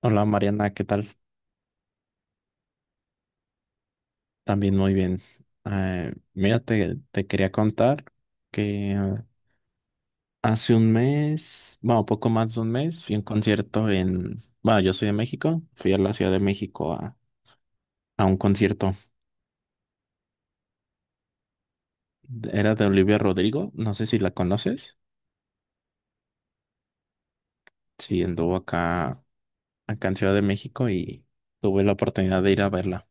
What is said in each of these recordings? Hola Mariana, ¿qué tal? También muy bien. Mira, te quería contar que hace un mes, bueno, poco más de un mes, fui a un concierto en, bueno, yo soy de México, fui a la Ciudad de México a un concierto. Era de Olivia Rodrigo, no sé si la conoces. Sí, anduvo acá, acá en Ciudad de México y tuve la oportunidad de ir a verla.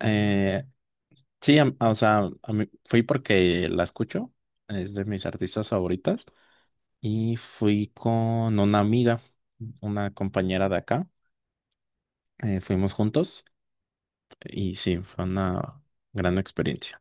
Eh, sí, fui porque la escucho, es de mis artistas favoritas. Y fui con una amiga, una compañera de acá. Fuimos juntos y sí, fue una gran experiencia.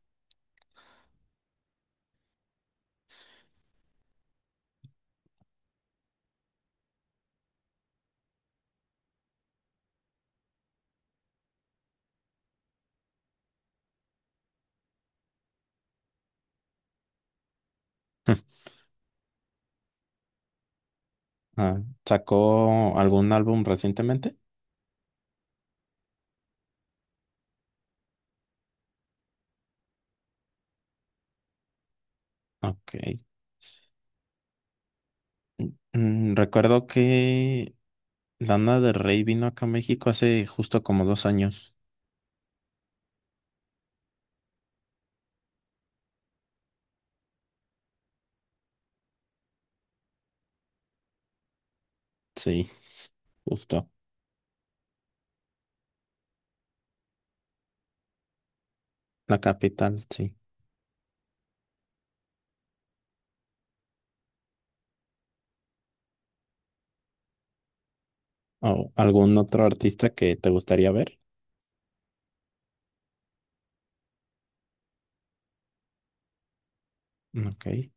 Ah, ¿sacó algún álbum recientemente? Ok. Recuerdo que Lana del Rey vino acá a México hace justo como 2 años. Sí, justo. La capital, sí. ¿O algún otro artista que te gustaría ver? Ok.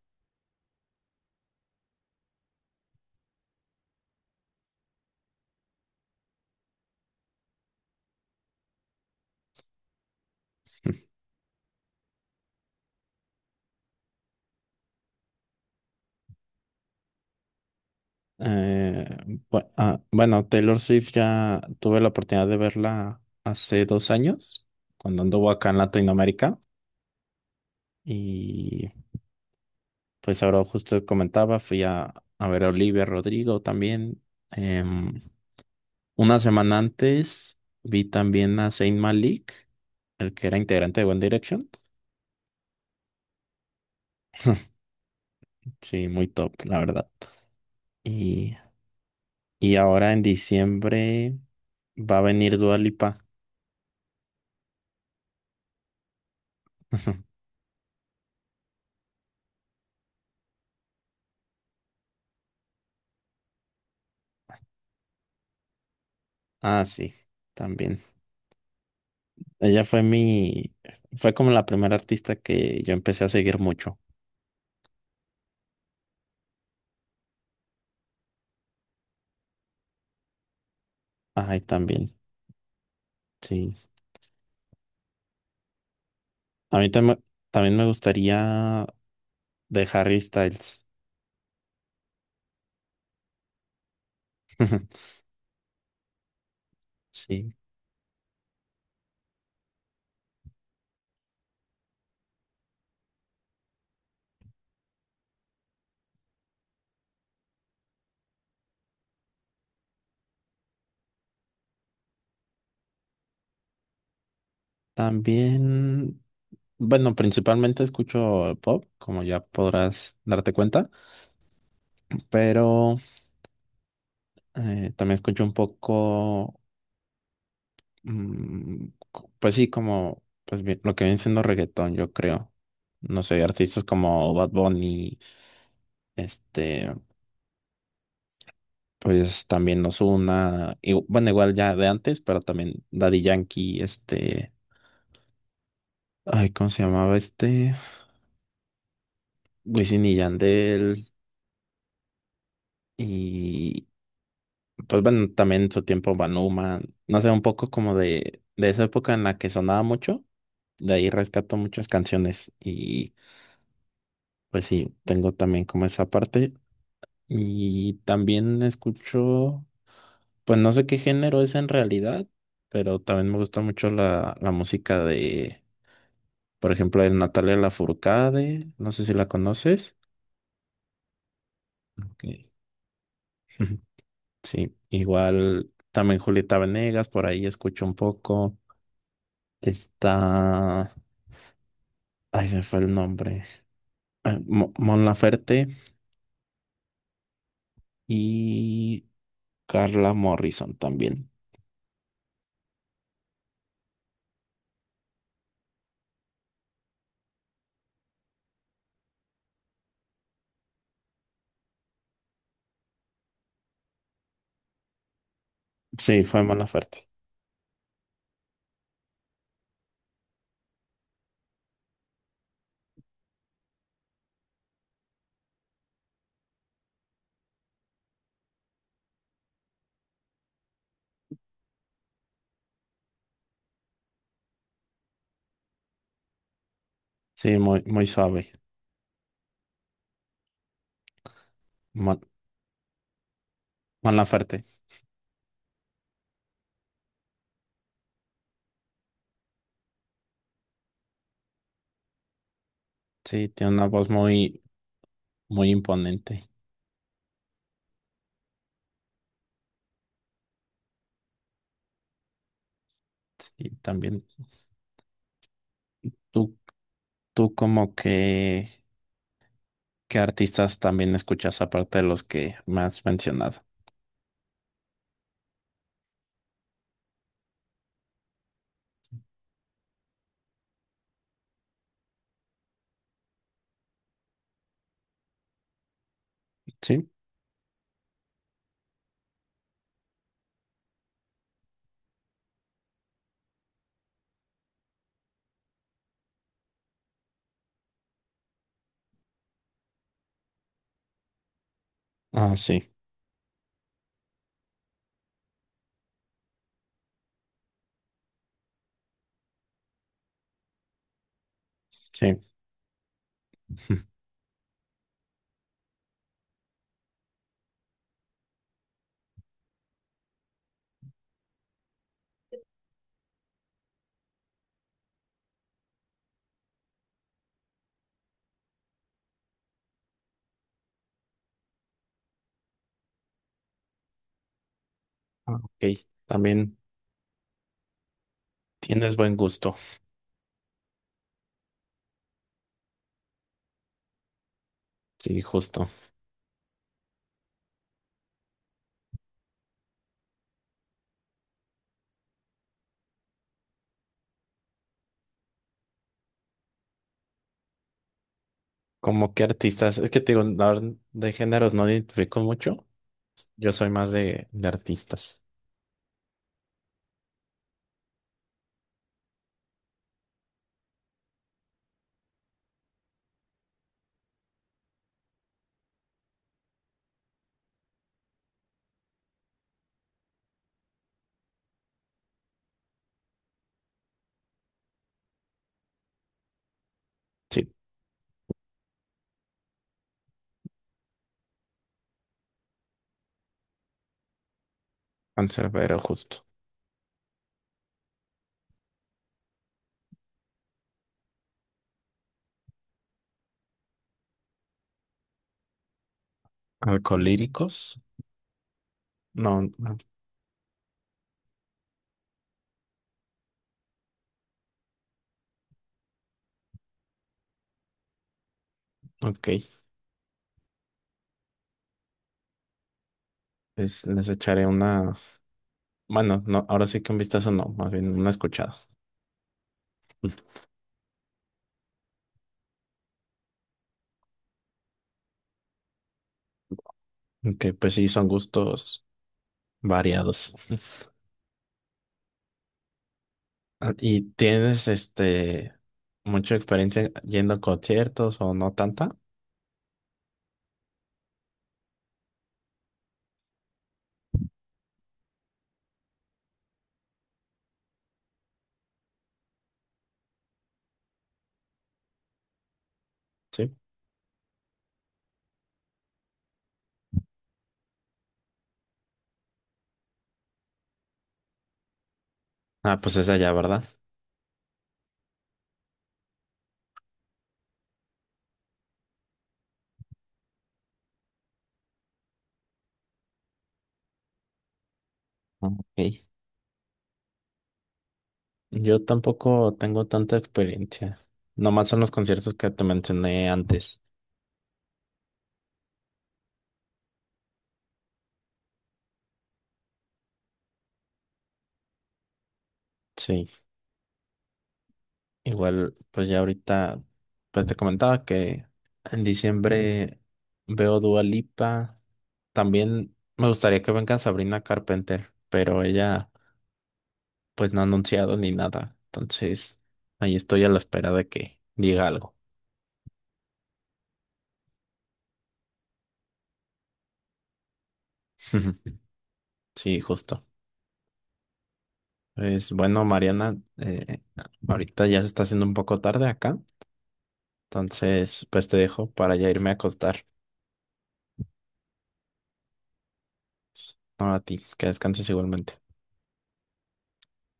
Eh, bueno, Taylor Swift ya tuve la oportunidad de verla hace 2 años, cuando anduvo acá en Latinoamérica. Y pues ahora justo comentaba, fui a ver a Olivia Rodrigo también. Em, una semana antes vi también a Zayn Malik, el que era integrante de One Direction. Sí, muy top, la verdad. y Y ahora en diciembre va a venir Dua Lipa. Ah, sí, también. Ella fue como la primera artista que yo empecé a seguir mucho. Ay, también, sí. A también me gustaría de Harry Styles. Sí. También, bueno, principalmente escucho pop, como ya podrás darte cuenta, pero también escucho un poco. Pues sí, como pues lo que viene siendo reggaetón, yo creo. No sé, artistas como Bad Bunny, este, pues también Ozuna, y bueno, igual ya de antes, pero también Daddy Yankee, ay, ¿cómo se llamaba este? Wisin y Yandel, y pues bueno, también en su tiempo Banuma, no sé, un poco como de esa época en la que sonaba mucho, de ahí rescato muchas canciones y pues sí, tengo también como esa parte. Y también escucho, pues no sé qué género es en realidad, pero también me gusta mucho la música de, por ejemplo, de Natalia Lafourcade, no sé si la conoces. Ok. Sí, igual también Julieta Venegas, por ahí escucho un poco. Está, ay, se me fue el nombre. Mon Laferte y Carla Morrison también. Sí, fue Mon Laferte. Sí, muy, muy suave. Mon, Mon Laferte. Sí, tiene una voz muy, muy imponente. Y también tú, tú como que, ¿qué artistas también escuchas aparte de los que me has mencionado? Sí. Ah, sí, sí. Ah, ok. También tienes buen gusto. Sí, justo. ¿Como qué artistas? Es que te digo, la verdad, de géneros no identifico mucho. Yo soy más de artistas. Sí, Canserbero, justo. Alcolíricos. No, no, ok. Les echaré una. Bueno, no, ahora sí que un vistazo no, más bien una escuchada. Que pues sí, son gustos variados. Ah, ¿y tienes mucha experiencia yendo a conciertos o no tanta? Sí. Ah, pues es allá, ¿verdad? Ok. Yo tampoco tengo tanta experiencia. Nomás son los conciertos que te mencioné antes. Sí. Igual, pues ya ahorita, pues te comentaba que en diciembre veo Dua Lipa. También me gustaría que venga Sabrina Carpenter, pero ella pues no ha anunciado ni nada. Entonces, ahí estoy a la espera de que diga algo. Sí, justo. Pues bueno, Mariana, ahorita ya se está haciendo un poco tarde acá. Entonces, pues te dejo para ya irme a acostar. No a ti, que descanses igualmente.